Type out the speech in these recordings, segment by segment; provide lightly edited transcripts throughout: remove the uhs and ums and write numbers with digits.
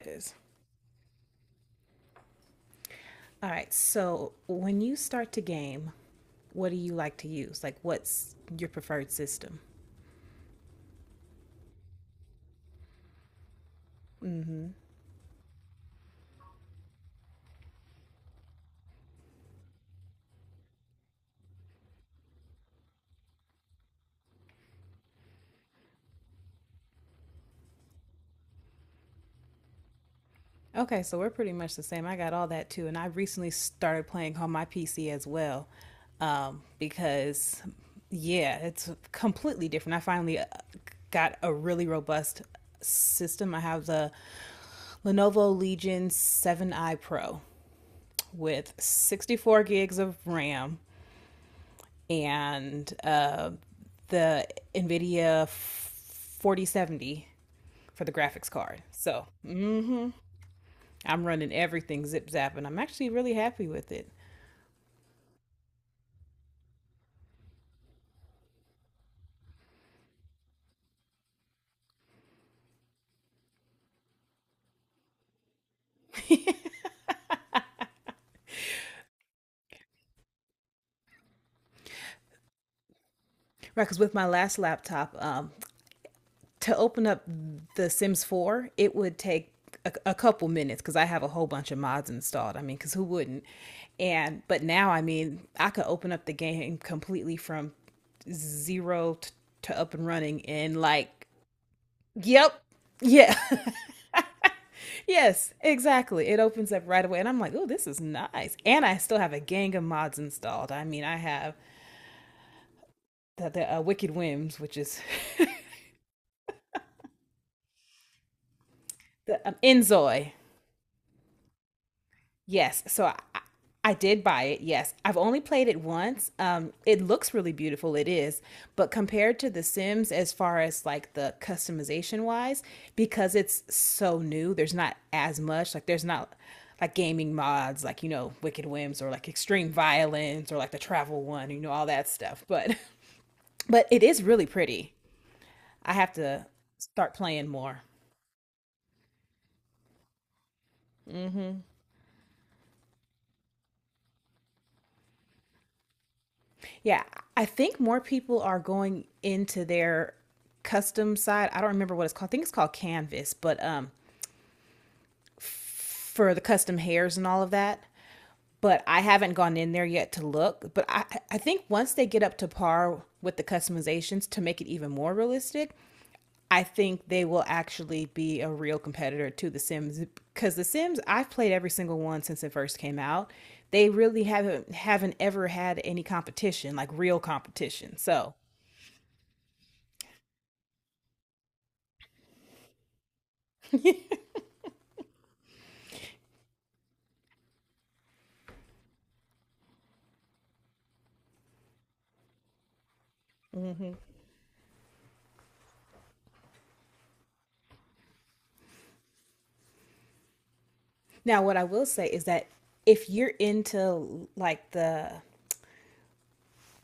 It is. All right. So when you start to game, what do you like to use? Like, what's your preferred system? Okay, so we're pretty much the same. I got all that too, and I recently started playing on my PC as well, because yeah, it's completely different. I finally got a really robust system. I have the Lenovo Legion 7i Pro with 64 gigs of RAM, and the NVIDIA 4070 for the graphics card. So I'm running everything zip zap, and I'm actually really happy with it. Right, because with my last laptop, to open up The Sims 4, it would take a couple minutes because I have a whole bunch of mods installed. I mean, because who wouldn't? And but now, I mean, I could open up the game completely from zero t- to up and running in like, yep, yeah. Yes, exactly. It opens up right away, and I'm like, oh, this is nice. And I still have a gang of mods installed. I mean, I have the Wicked Whims, which is the Enzoi. Yes. I did buy it. Yes. I've only played it once. It looks really beautiful. It is. But compared to The Sims, as far as like the customization wise, because it's so new, there's not as much. Like, there's not like gaming mods, like, you know, Wicked Whims or like Extreme Violence or like the Travel One, you know, all that stuff. But, but it is really pretty. I have to start playing more. Yeah, I think more people are going into their custom side. I don't remember what it's called. I think it's called Canvas, but for the custom hairs and all of that. But I haven't gone in there yet to look. But I think once they get up to par with the customizations to make it even more realistic, I think they will actually be a real competitor to The Sims because The Sims I've played every single one since it first came out. They really haven't ever had any competition, like real competition. So now, what I will say is that if you're into like the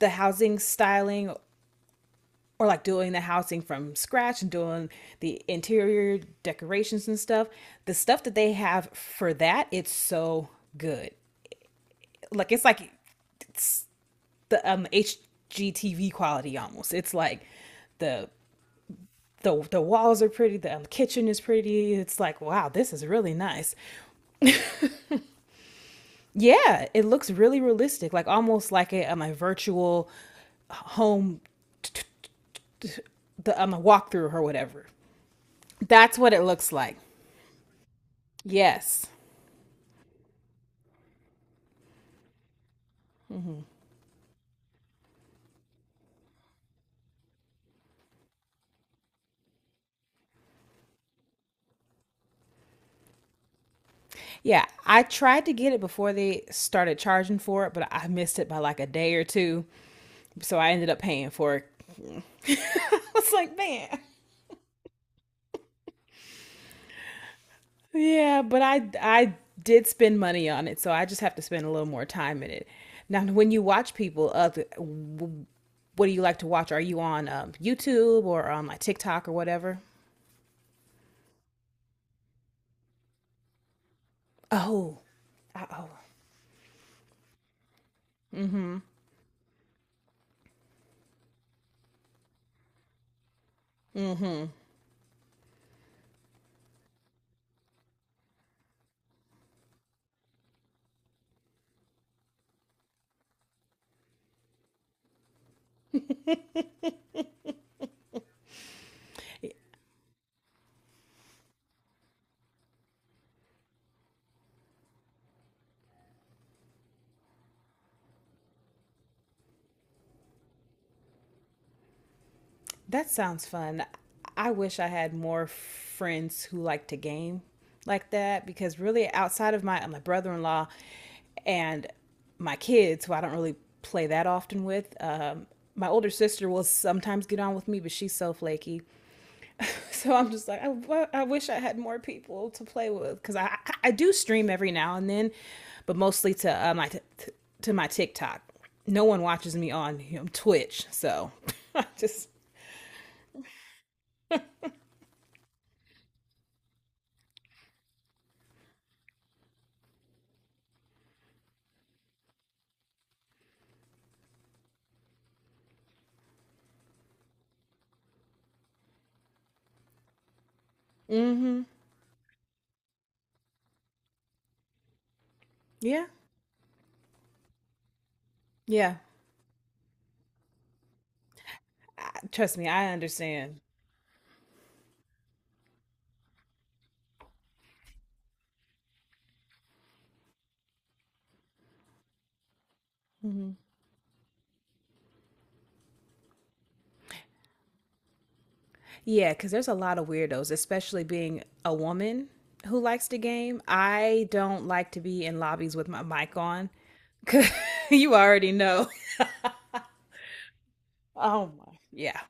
the housing styling or like doing the housing from scratch and doing the interior decorations and stuff, the stuff that they have for that, it's so good. Like it's like the HGTV quality almost. It's like the the walls are pretty, the kitchen is pretty. It's like, wow, this is really nice. Yeah, it looks really realistic, like almost like a virtual home, t- t- t- the a walkthrough or whatever. That's what it looks like. Yes. Yeah, I tried to get it before they started charging for it, but I missed it by like a day or two, so I ended up paying for it. I was like, man. Yeah, but I did spend money on it, so I just have to spend a little more time in it. Now, when you watch people other what do you like to watch? Are you on YouTube or on like TikTok or whatever? Oh, oh, that sounds fun. I wish I had more friends who like to game like that because really outside of my brother-in-law and my kids who I don't really play that often with, my older sister will sometimes get on with me, but she's so flaky. So I'm just like, I wish I had more people to play with because I do stream every now and then, but mostly to to my TikTok. No one watches me on you know, Twitch, so I just mm-hmm. Yeah, yeah. I, trust me, I understand. Yeah, because there's a lot of weirdos, especially being a woman who likes the game. I don't like to be in lobbies with my mic on. You already know. Oh my, yeah.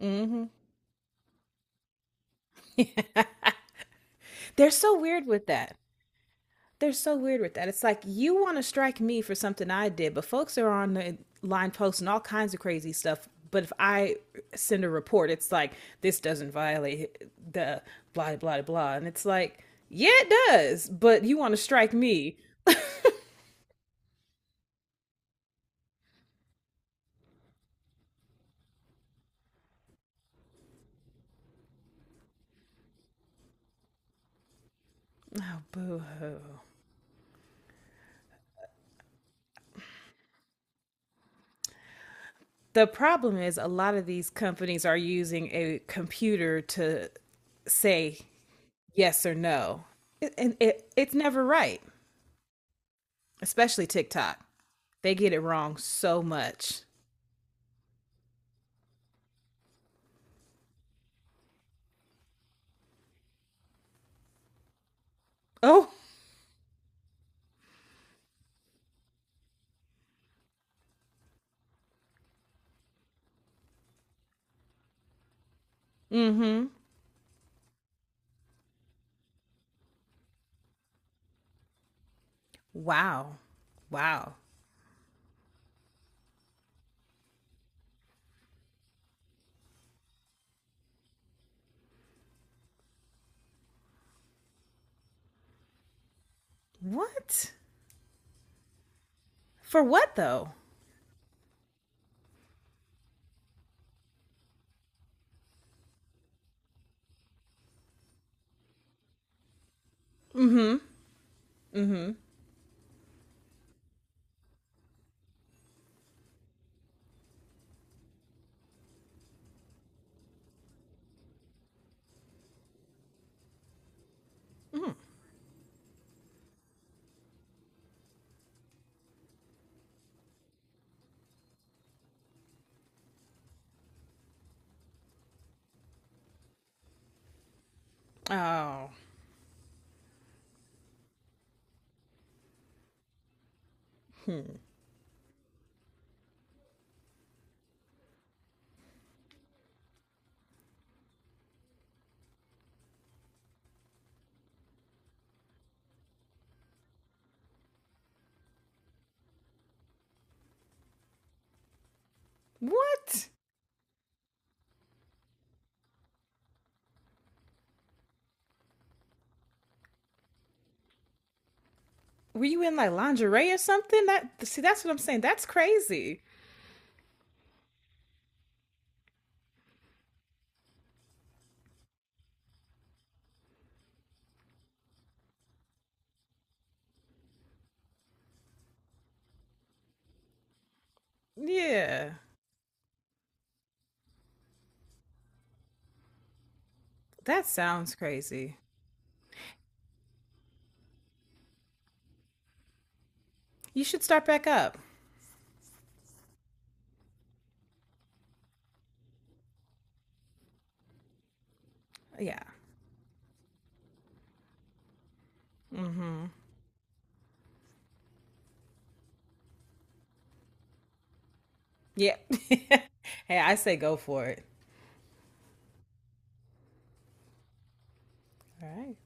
Mm. They're so weird with that. They're so weird with that. It's like you want to strike me for something I did, but folks are on the line posting all kinds of crazy stuff. But if I send a report, it's like this doesn't violate the blah blah blah, and it's like yeah, it does. But you want to strike me? Oh, boo. The problem is a lot of these companies are using a computer to say yes or no, and it's never right. Especially TikTok. They get it wrong so much. Oh, wow. Wow. What? For what though? Oh, what? Were you in like lingerie or something? That, see, that's what I'm saying. That's crazy. Yeah, that sounds crazy. You should start back up. Yeah, yeah. Hey, I say go for it. All right.